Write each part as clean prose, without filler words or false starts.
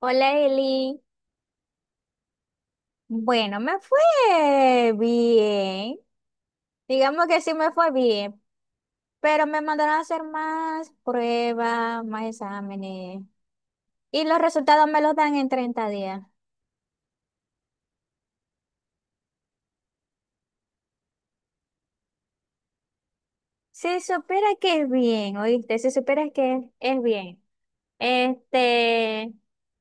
Hola Eli, bueno, me fue bien, digamos que sí me fue bien, pero me mandaron a hacer más pruebas, más exámenes y los resultados me los dan en 30 días. Se supera que es bien, ¿oíste? Se supera que es bien. Este,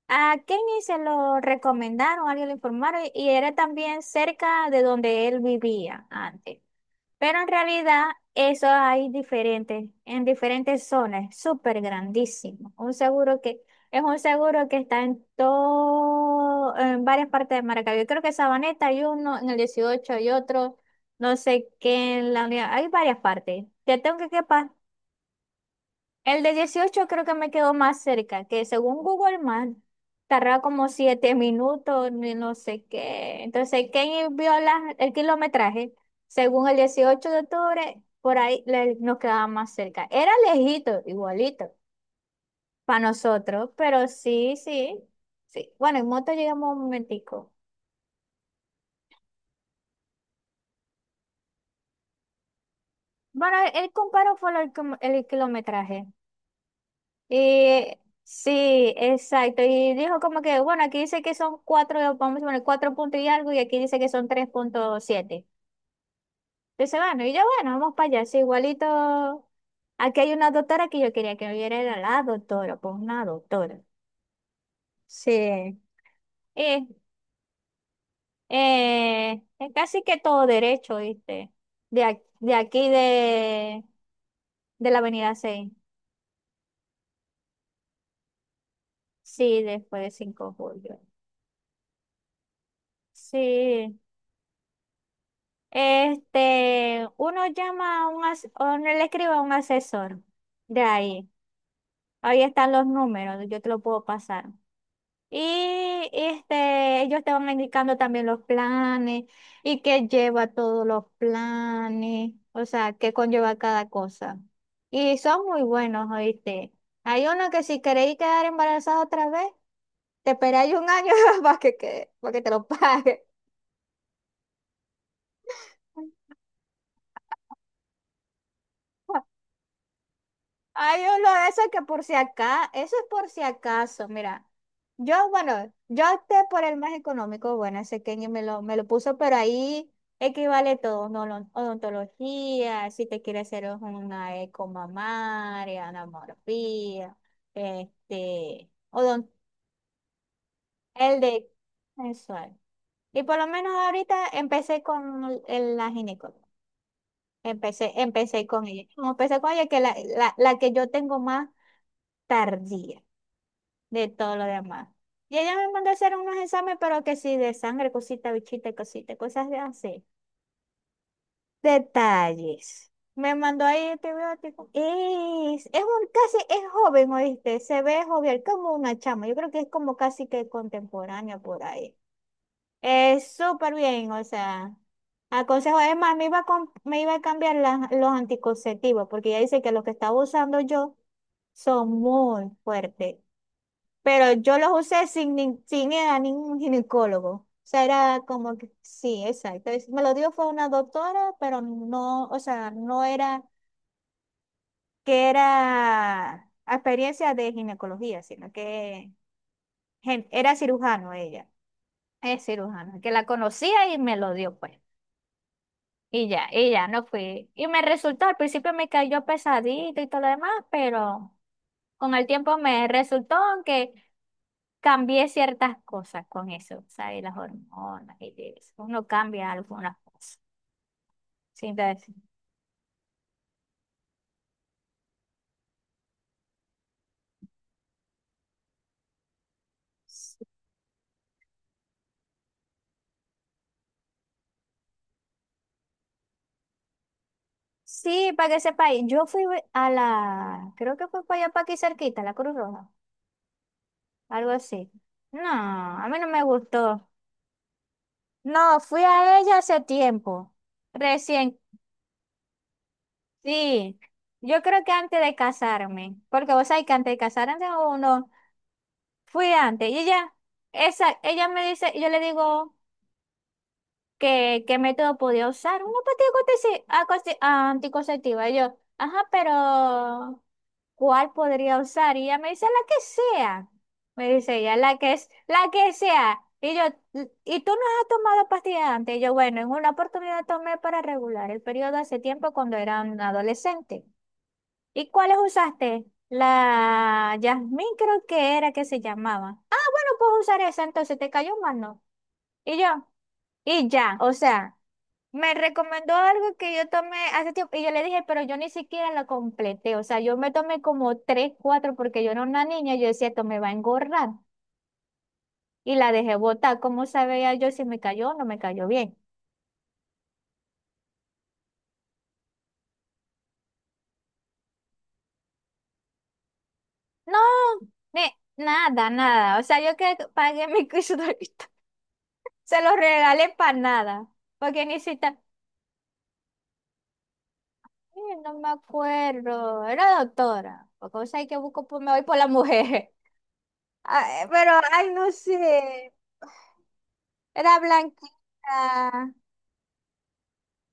a Kenny se lo recomendaron, alguien lo informaron y era también cerca de donde él vivía antes. Pero en realidad eso hay diferentes, en diferentes zonas, súper grandísimo. Un seguro que es un seguro que está en todo, en varias partes de Maracaibo. Yo creo que Sabaneta hay uno, en el 18 hay otro, no sé qué en la unidad. Hay varias partes. Ya tengo que quepar. El de 18 creo que me quedó más cerca, que según Google Maps tardaba como 7 minutos, ni no sé qué. Entonces, ¿quién vio el kilometraje? Según el 18 de octubre, por ahí nos quedaba más cerca. Era lejito, igualito, para nosotros, pero sí, sí, sí. Bueno, en moto llegamos un momentico. Bueno, él comparó fue el kilometraje. Y sí, exacto. Y dijo como que, bueno, aquí dice que son cuatro, vamos a poner cuatro puntos y algo, y aquí dice que son 3,7. Entonces, bueno, y yo, bueno, vamos para allá. Sí, igualito. Aquí hay una doctora que yo quería que me viera, era la doctora, pues una doctora. Sí. Y es casi que todo derecho, ¿viste? De aquí de la Avenida 6. Sí, después de 5 de julio. Sí. Uno llama o no le escribe a un asesor de ahí. Ahí están los números, yo te lo puedo pasar. Y ellos te van indicando también los planes y qué lleva todos los planes, o sea, qué conlleva cada cosa. Y son muy buenos, ¿oíste? Hay uno que si queréis quedar embarazada otra vez, te esperáis un año para que te lo pague. Hay uno de esos que por si acá, eso es por si acaso, mira, yo, bueno, yo opté por el más económico, bueno, ese que me lo, puso, pero ahí equivale todo, no, odontología, si te quieres hacer una ecomamaria, anamorfía, este, odon- el de mensual. Y por lo menos ahorita empecé con la ginecóloga, empecé con ella, que la que yo tengo más tardía. De todo lo demás. Y ella me mandó a hacer unos exámenes, pero que sí, de sangre, cosita, bichita, cosita, cosas de así. Detalles. Me mandó ahí antibiótico. Es un casi, es joven, ¿oíste? Se ve joven, como una chama. Yo creo que es como casi que contemporánea por ahí. Es súper bien, o sea, aconsejo. Es más, me iba a cambiar los anticonceptivos, porque ella dice que los que estaba usando yo son muy fuertes, pero yo los usé sin ir a ningún ginecólogo. O sea, era como que, sí, exacto. Me lo dio fue una doctora, pero no, o sea, no era que era experiencia de ginecología, sino que era cirujano ella. Es cirujano, que la conocía y me lo dio, pues. Y ya no fui. Y me resultó, al principio me cayó pesadito y todo lo demás, pero con el tiempo me resultó que cambié ciertas cosas con eso, ¿sabes? Las hormonas y eso. Uno cambia algunas cosas. Sí, entonces, sí, para que sepa, y yo fui a la, creo que fue para allá, para aquí cerquita, la Cruz Roja, algo así. No, a mí no me gustó. No, fui a ella hace tiempo, recién. Sí, yo creo que antes de casarme, porque vos sabés que antes de casarme uno, fui antes, y ella, esa, ella me dice, yo le digo que qué método podía usar, una pastilla anticonce- acosti- anticonceptiva, y yo, ajá, pero ¿cuál podría usar? Y ella me dice, la que sea, me dice ella, la que es, la que sea, y yo, ¿y tú no has tomado pastillas antes? Y yo, bueno, en una oportunidad tomé para regular el periodo hace tiempo cuando era un adolescente. ¿Y cuáles usaste? La Yasmín creo que era que se llamaba. Ah, bueno, puedo usar esa, entonces te cayó más, ¿no? Y yo, y ya, o sea, me recomendó algo que yo tomé hace tiempo y yo le dije, pero yo ni siquiera lo completé, o sea, yo me tomé como tres, cuatro porque yo era una niña, yo decía, esto me va a engordar y la dejé botar, ¿cómo sabía yo si me cayó o no me cayó bien? No, ni, nada, nada, o sea, yo que pagué mi cursito, se lo regalé para nada. Porque ni siquiera, sí, no me acuerdo, era doctora, porque vos sabés que busco, me voy por la mujer. Ah, pero, ay, no sé, era blanquita.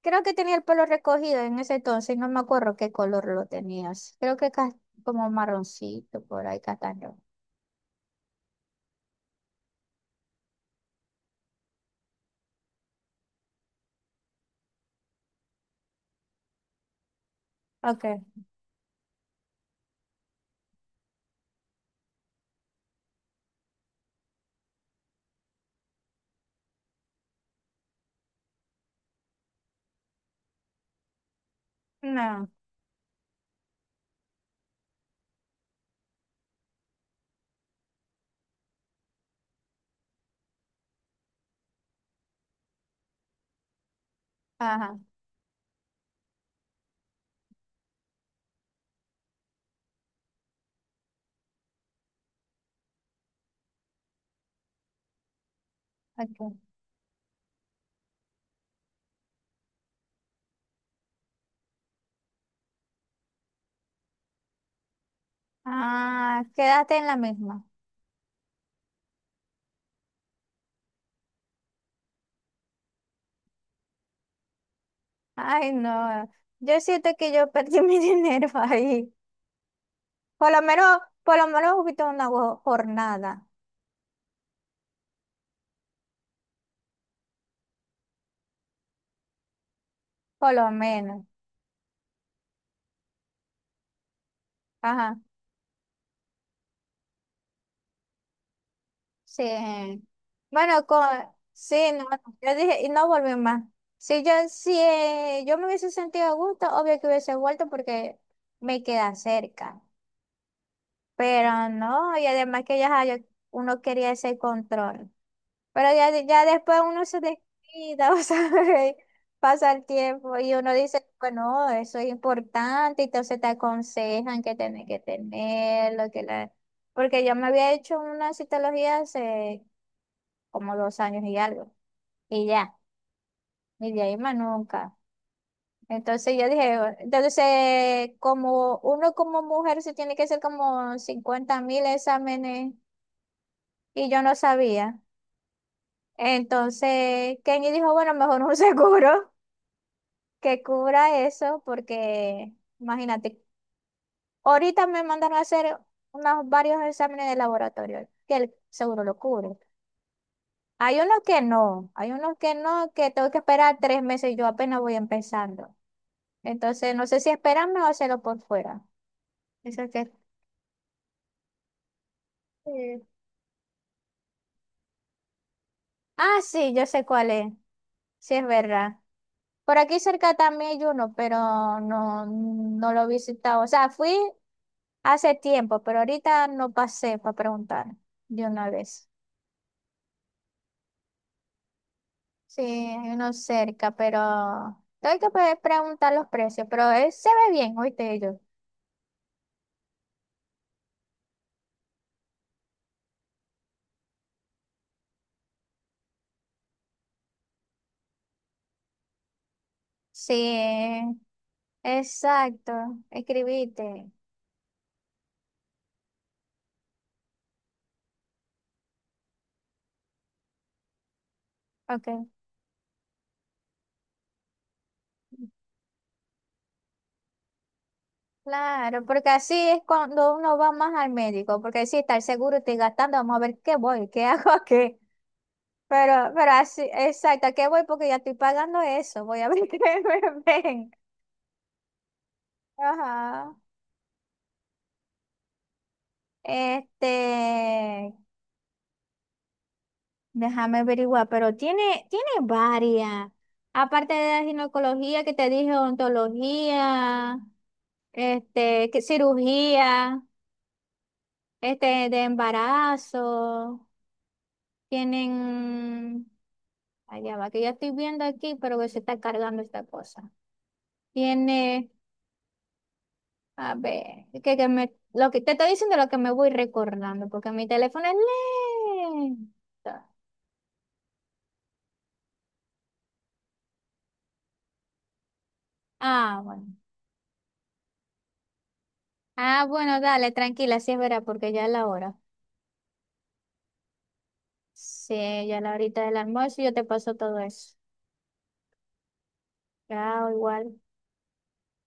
Creo que tenía el pelo recogido en ese entonces, no me acuerdo qué color lo tenías. Creo que como marroncito, por ahí, castaño. Ok, no, ajá, ok. Ah, quédate en la misma. Ay, no, yo siento que yo perdí mi dinero ahí. Por lo menos hubiste una jornada. Por lo menos. Ajá. Sí. Bueno, con, sí, no, yo dije, y no volví más. Si yo me hubiese sentido a gusto, obvio que hubiese vuelto porque me queda cerca. Pero no, y además que ya ajá, uno quería ese control. Pero ya, ya después uno se descuida, o sea, pasa el tiempo y uno dice, bueno, eso es importante, entonces te aconsejan que tenés que tenerlo, que la... Porque yo me había hecho una citología hace como 2 años y algo, y ya, y de ahí más nunca. Entonces yo dije, "Bueno", entonces como uno como mujer se tiene que hacer como 50.000 exámenes y yo no sabía. Entonces Kenny dijo, bueno, mejor un seguro que cubra eso, porque imagínate, ahorita me mandaron a hacer unos varios exámenes de laboratorio, que el seguro lo cubre. Hay unos que no, hay unos que no, que tengo que esperar 3 meses, yo apenas voy empezando. Entonces, no sé si esperarme o hacerlo por fuera. Eso es que... Sí. Ah, sí, yo sé cuál es, sí es verdad. Por aquí cerca también hay uno, pero no, no lo he visitado. O sea, fui hace tiempo, pero ahorita no pasé para preguntar de una vez. Sí, hay uno cerca, pero tengo que poder preguntar los precios, pero él se ve bien, oíste yo. Sí, exacto, escribiste. Ok, claro, porque así es cuando uno va más al médico, porque si está el seguro, estoy gastando, vamos a ver qué voy, qué hago aquí. Pero así, exacto, ¿a qué voy? Porque ya estoy pagando eso, voy a ver qué me ven. Ajá. Este, Déjame averiguar, pero tiene varias. Aparte de la ginecología que te dije, ontología, cirugía, de embarazo, tienen, allá va, que ya estoy viendo aquí, pero que se está cargando esta cosa. Tiene, a ver, que me, lo que te estoy diciendo lo que me voy recordando, porque mi teléfono es lento. Ah, bueno. Ah, bueno, dale, tranquila, sí es verdad, porque ya es la hora. Sí, ya a la horita del almuerzo yo te paso todo eso. Chao, igual.